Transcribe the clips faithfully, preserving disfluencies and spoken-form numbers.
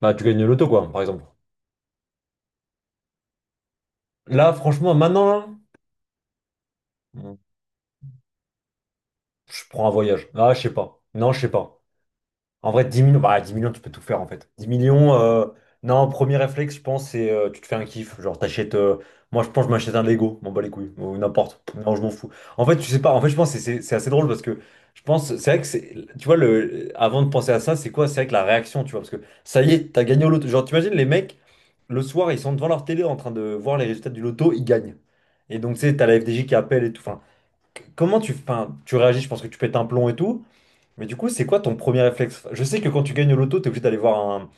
Bah, tu gagnes le loto, quoi, par exemple. Là, franchement, maintenant, là, mm, je prends un voyage. Ah, je sais pas. Non, je sais pas. En vrai, dix millions, bah, dix millions, tu peux tout faire, en fait. Dix millions, euh, non, premier réflexe, je pense, c'est euh, tu te fais un kiff. Genre, t'achètes. Euh, moi, je pense, je m'achète un Lego, m'en bats les couilles, ou n'importe. Non, je m'en fous. En fait, tu sais pas. En fait, je pense que c'est c'est- c'est- assez drôle, parce que je pense, c'est vrai que c'est. Tu vois, le, avant de penser à ça, c'est quoi? C'est vrai que la réaction, tu vois, parce que ça y est, t'as gagné au loto. Genre, t'imagines les mecs. Le soir, ils sont devant leur télé en train de voir les résultats du loto, ils gagnent. Et donc, tu sais, t'as la F D J qui appelle et tout. Enfin, c- comment tu, enfin, tu réagis? Je pense que tu pètes un plomb et tout. Mais du coup, c'est quoi ton premier réflexe? Je sais que quand tu gagnes au loto, t'es obligé d'aller voir un,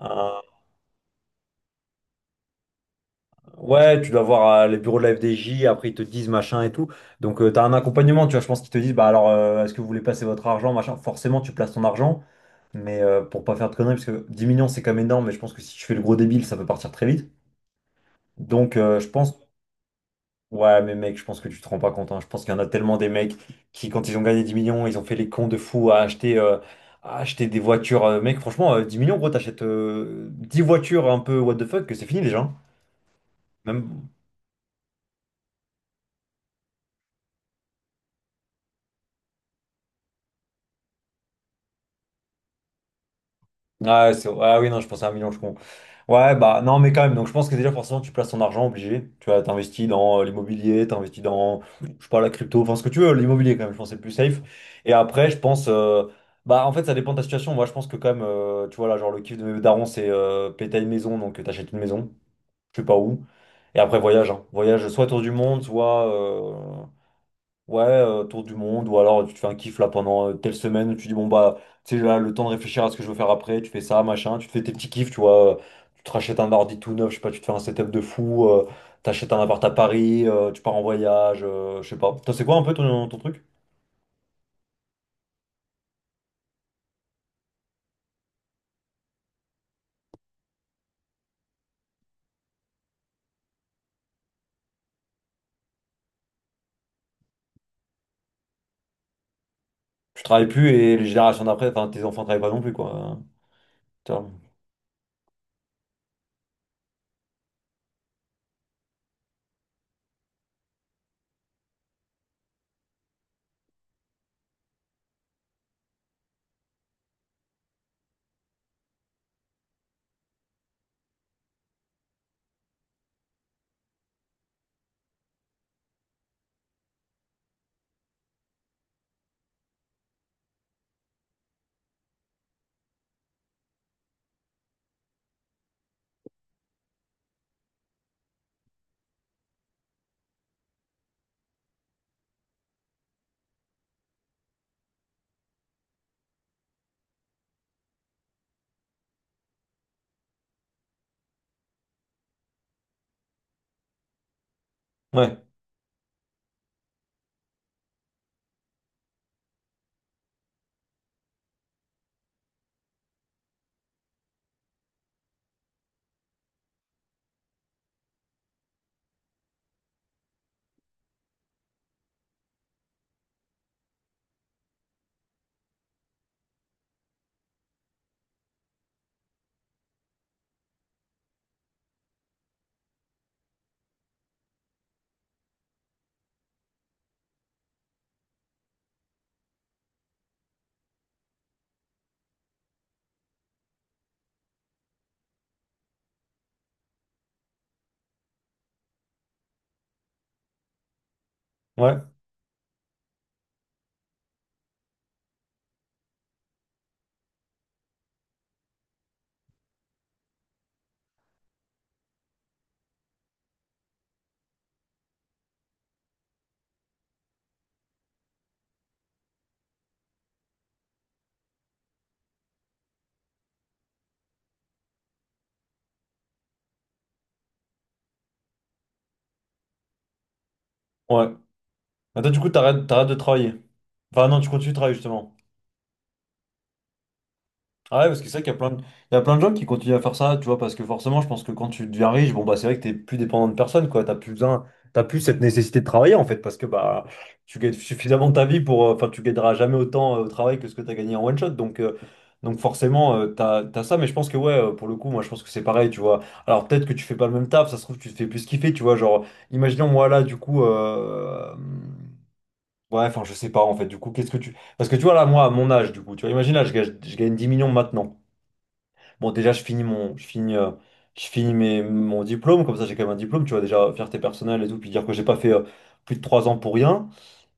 un- Ouais, tu dois voir euh, les bureaux de la F D J, après ils te disent machin et tout. Donc, tu t'as un accompagnement, tu vois. Je pense qu'ils te disent, bah alors, euh, est-ce que vous voulez placer votre argent, machin? Forcément, tu places ton argent, mais euh, pour pas faire de conneries, parce que dix millions, c'est quand même énorme. Mais je pense que si tu fais le gros débile, ça peut partir très vite. Donc, euh, je pense. Ouais, mais mec, je pense que tu te rends pas compte, hein. Je pense qu'il y en a tellement des mecs qui, quand ils ont gagné dix millions, ils ont fait les cons de fous à acheter, euh, à acheter des voitures. Euh, mec, franchement, euh, 10 millions, gros, t'achètes euh, 10 voitures un peu what the fuck, que c'est fini déjà, hein. Même. Ah, c'est- ah oui, non, je pensais à un million, je con. Ouais, bah non, mais quand même, donc je pense que déjà, forcément, tu places ton argent obligé. Tu vois, t'investis dans euh, l'immobilier, t'investis dans, je sais pas, la crypto, enfin ce que tu veux, l'immobilier quand même, je pense que c'est le plus safe. Et après, je pense, euh, bah en fait, ça dépend de ta situation. Moi, je pense que quand même, euh, tu vois, là, genre le kiff de mes darons, c'est euh, péter une maison, donc euh, t'achètes une maison, je sais pas où. Et après, voyage, hein. Voyage soit tour du monde, soit. euh, Ouais, euh, tour du monde, ou alors tu te fais un kiff là pendant euh, telle semaine, où tu dis bon bah, tu sais là, le temps de réfléchir à ce que je veux faire après, tu fais ça, machin, tu te fais tes petits kiffs, tu vois, euh, tu te rachètes un ordi tout neuf, je sais pas, tu te fais un setup de fou, euh, t'achètes un appart à Paris, euh, tu pars en voyage, euh, je sais pas. Toi, c'est quoi un peu ton, ton truc? Tu travailles plus et les générations d'après, enfin tes enfants travaillent pas non plus, quoi. Tu vois. Ouais, ouais, ouais. Mais toi, du coup, t'arrêtes, t'arrêtes de travailler. Enfin non, tu continues de travailler justement. Ah ouais, parce que c'est vrai qu'il y a plein de... Il y a plein de gens qui continuent à faire ça, tu vois, parce que forcément, je pense que quand tu deviens riche, bon, bah, c'est vrai que t'es plus dépendant de personne, quoi. T'as plus besoin, t'as plus cette nécessité de travailler, en fait, parce que, bah, tu gagnes suffisamment ta vie pour, euh, enfin, tu gagneras jamais autant euh, au travail que ce que t'as gagné en one shot. Donc, euh, donc forcément, euh, t'as, t'as ça, mais je pense que, ouais, euh, pour le coup, moi, je pense que c'est pareil, tu vois. Alors, peut-être que tu fais pas le même taf, ça se trouve, tu te fais plus kiffer, tu vois. Genre, imaginons, moi, là, du coup, euh, ouais, enfin, je sais pas, en fait, du coup, qu'est-ce que tu. Parce que tu vois, là, moi, à mon âge, du coup, tu vois, imagine, là, je gagne, je gagne dix millions maintenant. Bon, déjà, je finis mon, je finis, euh, je finis mes, mon diplôme, comme ça j'ai quand même un diplôme, tu vois, déjà, fierté personnelle et tout, puis dire que j'ai pas fait euh, plus de trois ans pour rien.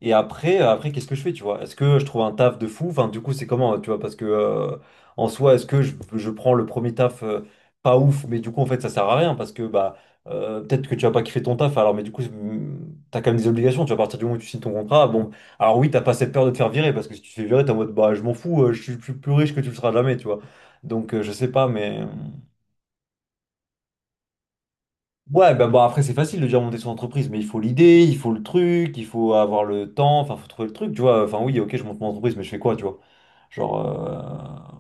Et après, euh, après qu'est-ce que je fais, tu vois? Est-ce que je trouve un taf de fou? Enfin, du coup, c'est comment, tu vois? Parce que, euh, en soi, est-ce que je, je prends le premier taf euh, pas ouf, mais du coup, en fait, ça sert à rien, parce que, bah, euh, peut-être que tu vas pas kiffer ton taf, alors, mais du coup, hum, t'as quand même des obligations, tu vois, à partir du moment où tu signes ton contrat, bon, alors oui, t'as pas cette peur de te faire virer, parce que si tu te fais virer, t'es en mode, bah, je m'en fous, euh, je suis plus, plus riche que tu le seras jamais, tu vois. Donc, euh, je sais pas, mais. euh, Ouais, bah bon, après, c'est facile de dire monter son entreprise, mais il faut l'idée, il faut le truc, il faut avoir le temps, enfin, faut trouver le truc, tu vois. Enfin, oui, ok, je monte mon entreprise, mais je fais quoi, tu vois? Genre. euh,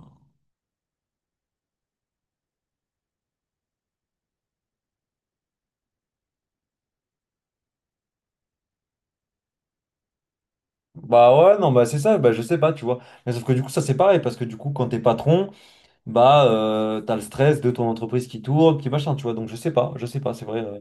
Bah ouais, non, bah c'est ça, bah je sais pas, tu vois. Mais sauf que du coup, ça c'est pareil, parce que du coup, quand t'es patron, bah euh, t'as le stress de ton entreprise qui tourne, qui machin, tu vois. Donc, je sais pas, je sais pas, c'est vrai. euh,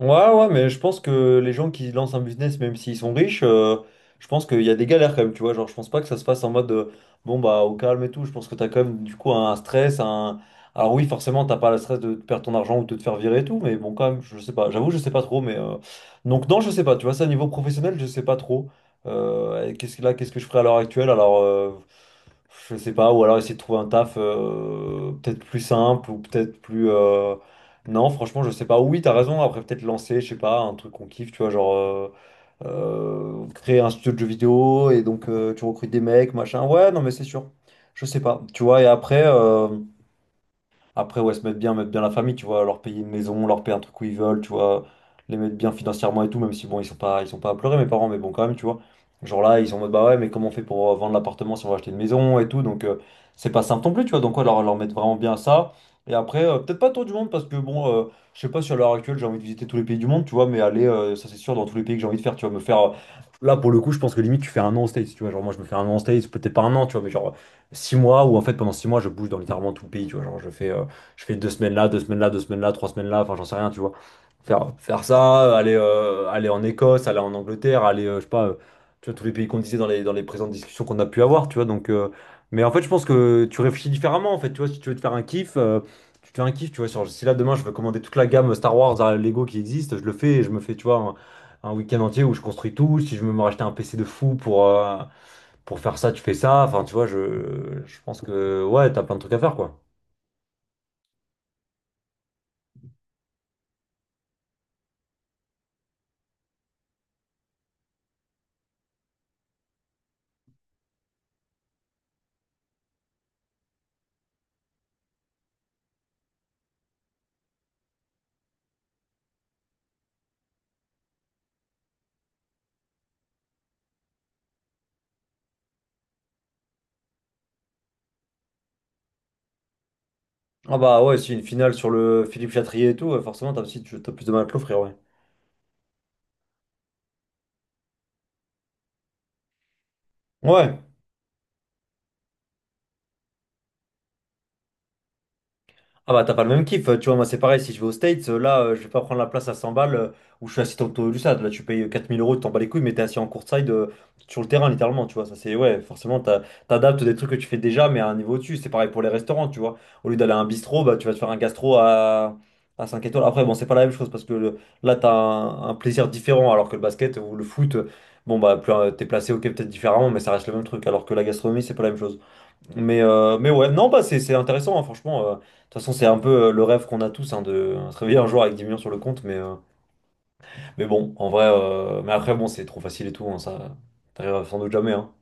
Ouais, ouais, mais je pense que les gens qui lancent un business, même s'ils sont riches, euh, je pense qu'il y a des galères quand même, tu vois. Genre, je pense pas que ça se passe en mode euh, bon, bah, au calme et tout. Je pense que t'as quand même, du coup, un stress. Un... Alors, oui, forcément, t'as pas le stress de perdre ton argent ou de te faire virer et tout, mais bon, quand même, je sais pas. J'avoue, je sais pas trop, mais euh, donc, non, je sais pas, tu vois, ça, niveau professionnel, je sais pas trop. Euh, et qu'est-ce que là, qu'est-ce que je ferais à l'heure actuelle? Alors, euh, je sais pas, ou alors essayer de trouver un taf euh, peut-être plus simple ou peut-être plus. Euh, non, franchement, je sais pas. Oui, t'as raison. Après, peut-être lancer, je sais pas, un truc qu'on kiffe, tu vois, genre euh, euh, créer un studio de jeux vidéo et donc euh, tu recrutes des mecs, machin. Ouais, non, mais c'est sûr. Je sais pas. Tu vois, et après. Euh, après, ouais, se mettre bien, mettre bien la famille, tu vois, leur payer une maison, leur payer un truc où ils veulent, tu vois, les mettre bien financièrement et tout, même si bon, ils sont pas, ils sont pas à pleurer, mes parents, mais bon, quand même, tu vois. Genre là, ils sont en mode, bah ouais, mais comment on fait pour euh, vendre l'appartement si on va acheter une maison et tout, donc euh, c'est pas simple non plus, tu vois, donc ouais, leur, leur mettre vraiment bien ça. Et après, euh, peut-être pas tour du monde, parce que bon, euh, je sais pas si à l'heure actuelle j'ai envie de visiter tous les pays du monde, tu vois, mais aller, euh, ça c'est sûr, dans tous les pays que j'ai envie de faire, tu vois, me faire. euh, Là, pour le coup, je pense que limite, tu fais un an aux States, tu vois, genre moi, je me fais un an aux States, peut-être pas un an, tu vois, mais genre six mois où en fait pendant six mois je bouge dans littéralement tout le pays, tu vois, genre je fais euh, je fais deux semaines là, deux semaines là, deux semaines là, trois semaines là, enfin j'en sais rien, tu vois. Faire, faire ça, aller, euh, aller en Écosse, aller en Angleterre, aller, euh, je sais pas, euh, tu vois, tous les pays qu'on disait dans les, dans les présentes discussions qu'on a pu avoir, tu vois. Donc, euh, mais en fait, je pense que tu réfléchis différemment, en fait, tu vois, si tu veux te faire un kiff, euh, tu te fais un kiff, tu vois. Sur- si là demain je veux commander toute la gamme Star Wars à Lego qui existe, je le fais et je me fais, tu vois, un, un week-end entier où je construis tout. Si je veux me racheter un P C de fou pour, euh, pour faire ça, tu fais ça. Enfin, tu vois, je, je pense que, ouais, t'as plein de trucs à faire, quoi. Ah bah ouais, si une finale sur le Philippe Chatrier et tout, euh, forcément t'as aussi tu- t'as plus de mal à te l'offrir, ouais. Ouais. Ah bah t'as pas le même kiff, tu vois, moi c'est pareil, si je vais aux States, euh, là euh, je vais pas prendre la place à 100 balles euh, où je suis assis au taux du stade, là tu payes euh, quatre mille euros, tu t'en bats les couilles, mais t'es assis en courtside euh, sur le terrain littéralement, tu vois, ça c'est, ouais, forcément t'as- t'adaptes des trucs que tu fais déjà mais à un niveau au-dessus, c'est pareil pour les restaurants, tu vois, au lieu d'aller à un bistrot, bah tu vas te faire un gastro à, à 5 étoiles, après bon c'est pas la même chose, parce que le- là t'as un, un plaisir différent, alors que le basket ou le foot, euh, bon bah plus, euh, t'es placé ok peut-être différemment, mais ça reste le même truc, alors que la gastronomie c'est pas la même chose. Mais, euh, mais ouais, non, bah, c'est c'est intéressant, hein, franchement. euh, De toute façon, c'est un peu euh, le rêve qu'on a tous, hein, de euh, se réveiller un jour avec dix millions sur le compte. Mais, euh, mais bon, en vrai, euh, mais après, bon, c'est trop facile et tout, hein, ça, t'arriveras sans doute jamais, hein.